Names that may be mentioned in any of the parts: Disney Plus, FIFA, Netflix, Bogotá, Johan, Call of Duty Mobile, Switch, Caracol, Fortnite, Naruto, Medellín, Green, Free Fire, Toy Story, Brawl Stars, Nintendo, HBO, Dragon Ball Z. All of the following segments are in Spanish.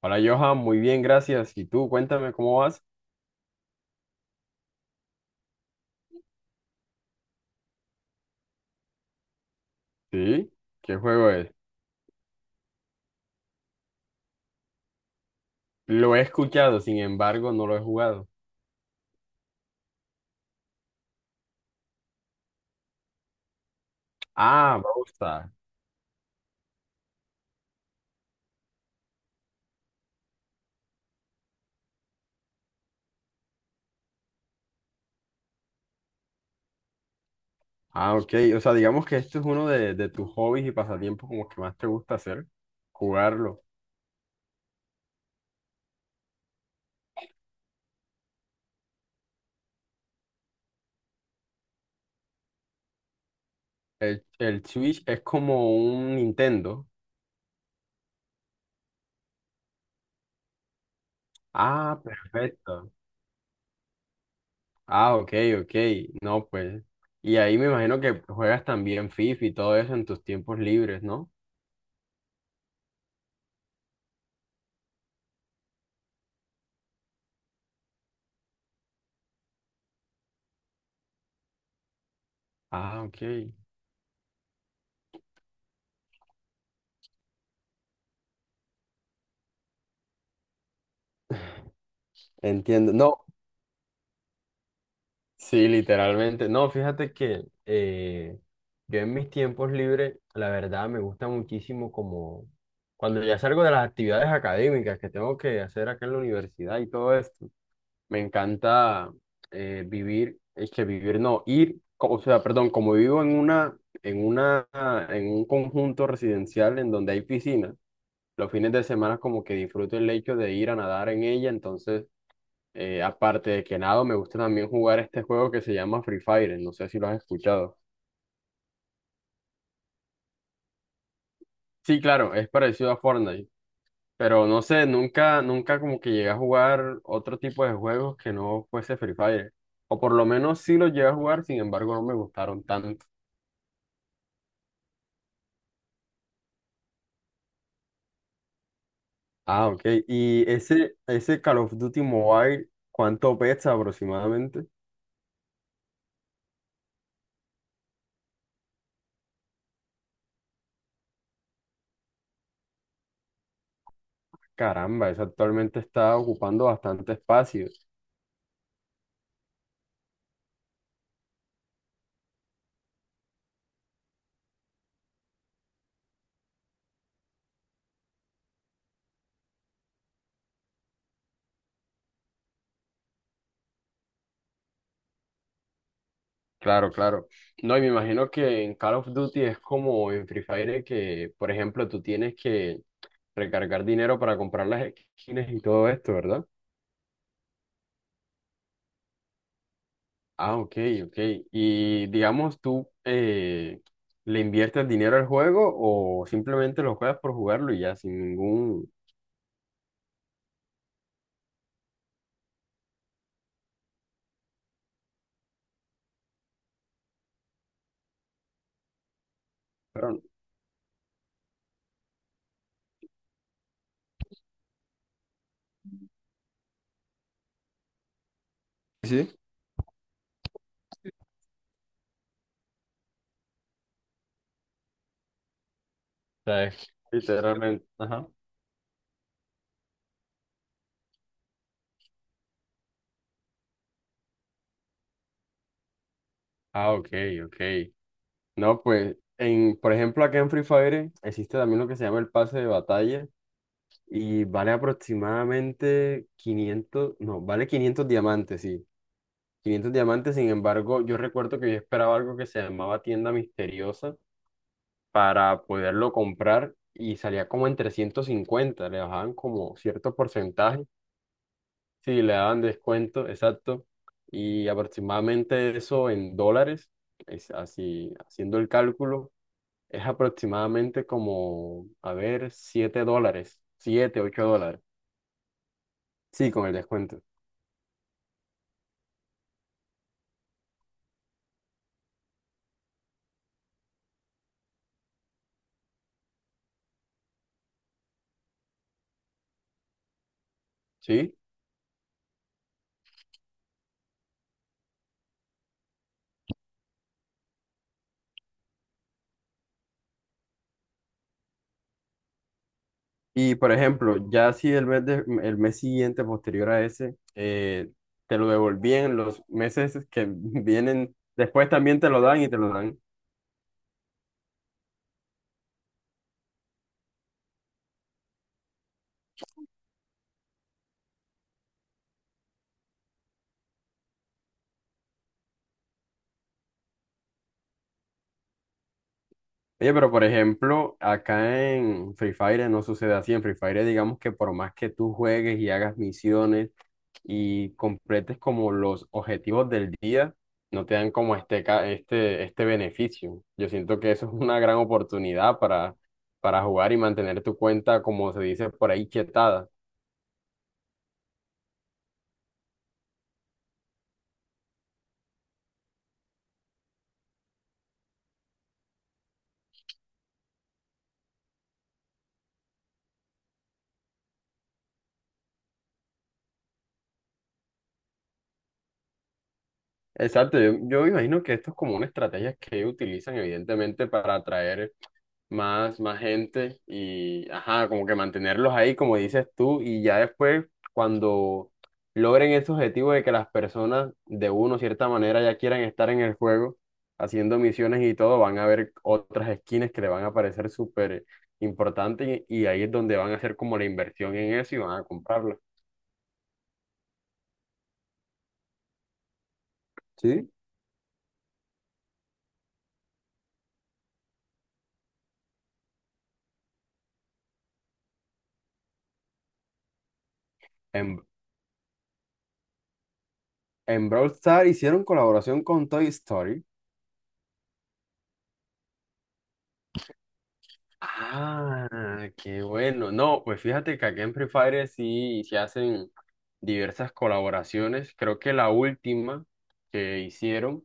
Hola Johan, muy bien, gracias. ¿Y tú? Cuéntame cómo vas. Sí, ¿qué juego es? Lo he escuchado, sin embargo, no lo he jugado. Ah, gusta. Ah, ok. O sea, digamos que esto es uno de tus hobbies y pasatiempos como que más te gusta hacer, jugarlo. El Switch es como un Nintendo. Ah, perfecto. Ah, ok, ok. No, pues. Y ahí me imagino que juegas también FIFA y todo eso en tus tiempos libres, ¿no? Ah, ok. Entiendo. No. Sí, literalmente. No, fíjate que yo en mis tiempos libres, la verdad, me gusta muchísimo como cuando ya salgo de las actividades académicas que tengo que hacer acá en la universidad y todo esto, me encanta vivir, es que vivir, no, ir, o sea, perdón, como vivo en una, en una, en un conjunto residencial en donde hay piscina, los fines de semana como que disfruto el hecho de ir a nadar en ella, entonces aparte de que nado, me gusta también jugar este juego que se llama Free Fire. ¿No sé si lo has escuchado? Sí, claro, es parecido a Fortnite, pero no sé, nunca como que llegué a jugar otro tipo de juegos que no fuese Free Fire. O por lo menos sí lo llegué a jugar, sin embargo no me gustaron tanto. Ah, ok. ¿Y ese Call of Duty Mobile, cuánto pesa aproximadamente? Caramba, eso actualmente está ocupando bastante espacio. Claro, claro. No, y me imagino que en Call of Duty es como en Free Fire que, por ejemplo, tú tienes que recargar dinero para comprar las skins y todo esto, ¿verdad? Ah, ok, ok. Y digamos, ¿tú le inviertes dinero al juego o simplemente lo juegas por jugarlo y ya sin ningún... Pero, sí. O sea, es literalmente... Ajá. Ah, ok, ok. No, pues, en, por ejemplo, acá en Free Fire existe también lo que se llama el pase de batalla. Y vale aproximadamente 500, no, vale 500 diamantes, sí. Quinientos diamantes, sin embargo, yo recuerdo que yo esperaba algo que se llamaba tienda misteriosa para poderlo comprar y salía como en 350, le bajaban como cierto porcentaje, sí, le daban descuento, exacto. Y aproximadamente eso en dólares, es así, haciendo el cálculo, es aproximadamente como, a ver, 7 dólares, 7 8 dólares, sí, con el descuento. ¿Sí? Y por ejemplo, ya si el mes, el mes siguiente, posterior a ese, te lo devolvían los meses que vienen, después también te lo dan y te lo dan. Oye, pero por ejemplo, acá en Free Fire no sucede así. En Free Fire, digamos que por más que tú juegues y hagas misiones, y completes como los objetivos del día, no te dan como este beneficio. Yo siento que eso es una gran oportunidad para jugar y mantener tu cuenta, como se dice por ahí, quietada. Exacto, yo me imagino que esto es como una estrategia que utilizan evidentemente para atraer más gente y, ajá, como que mantenerlos ahí, como dices tú, y ya después, cuando logren ese objetivo de que las personas de uno, cierta manera, ya quieran estar en el juego, haciendo misiones y todo, van a ver otras skins que le van a parecer súper importantes y ahí es donde van a hacer como la inversión en eso y van a comprarla. Sí. En, en Brawl Stars hicieron colaboración con Toy Story. Ah, qué bueno. No, pues fíjate que aquí en Free Fire sí se hacen diversas colaboraciones. Creo que la última que hicieron,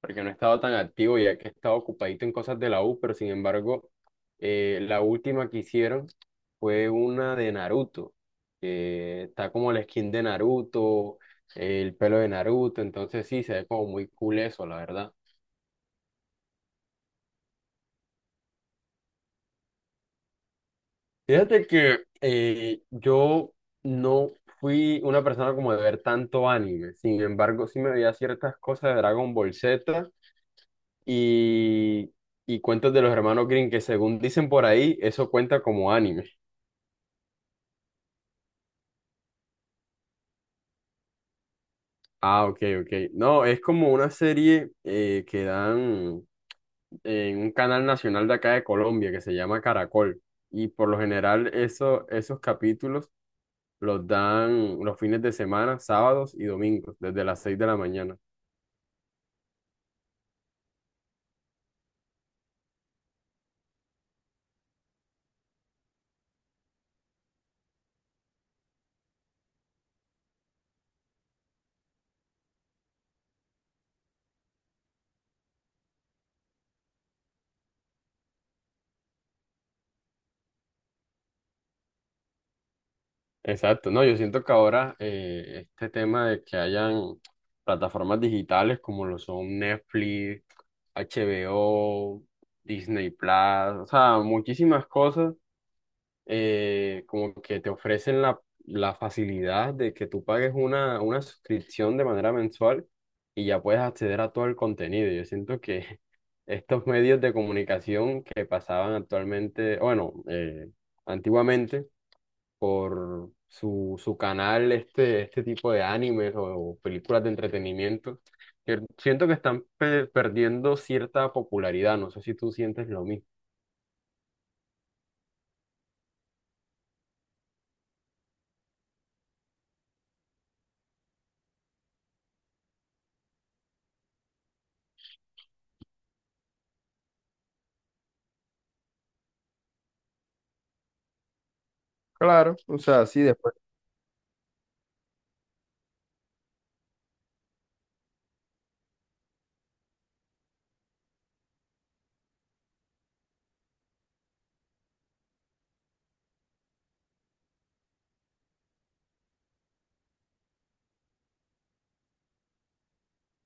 porque no he estado tan activo ya que he estado ocupadito en cosas de la U, pero sin embargo, la última que hicieron fue una de Naruto. Que está como la skin de Naruto, el pelo de Naruto, entonces sí, se ve como muy cool eso, la verdad. Fíjate que yo no fui una persona como de ver tanto anime, sin embargo sí me veía ciertas cosas de Dragon Ball Z y, y cuentos de los hermanos Green que según dicen por ahí, eso cuenta como anime. Ah, ok, ok. No, es como una serie que dan en un canal nacional de acá de Colombia que se llama Caracol y por lo general eso, esos capítulos los dan los fines de semana, sábados y domingos, desde las 6 de la mañana. Exacto, no, yo siento que ahora este tema de que hayan plataformas digitales como lo son Netflix, HBO, Disney Plus, o sea, muchísimas cosas, como que te ofrecen la facilidad de que tú pagues una suscripción de manera mensual y ya puedes acceder a todo el contenido. Yo siento que estos medios de comunicación que pasaban actualmente, bueno, antiguamente, por su canal este tipo de animes o películas de entretenimiento, que siento que están perdiendo cierta popularidad, no sé si tú sientes lo mismo. Claro, o sea, sí, después.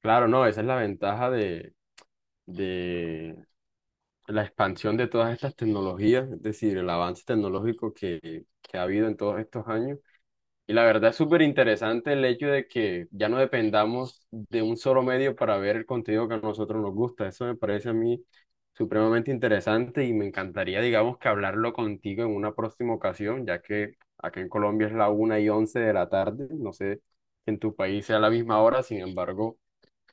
Claro, no, esa es la ventaja de la expansión de todas estas tecnologías, es decir, el avance tecnológico que ha habido en todos estos años. Y la verdad es súper interesante el hecho de que ya no dependamos de un solo medio para ver el contenido que a nosotros nos gusta. Eso me parece a mí supremamente interesante y me encantaría, digamos, que hablarlo contigo en una próxima ocasión, ya que acá en Colombia es la 1:11 de la tarde. No sé si en tu país sea la misma hora, sin embargo,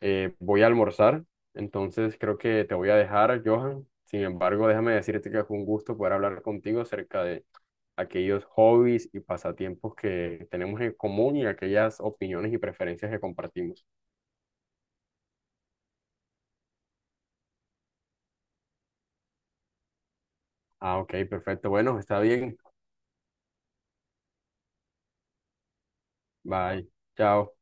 voy a almorzar. Entonces creo que te voy a dejar, Johan. Sin embargo, déjame decirte que fue un gusto poder hablar contigo acerca de aquellos hobbies y pasatiempos que tenemos en común y aquellas opiniones y preferencias que compartimos. Ah, ok, perfecto. Bueno, está bien. Bye. Chao.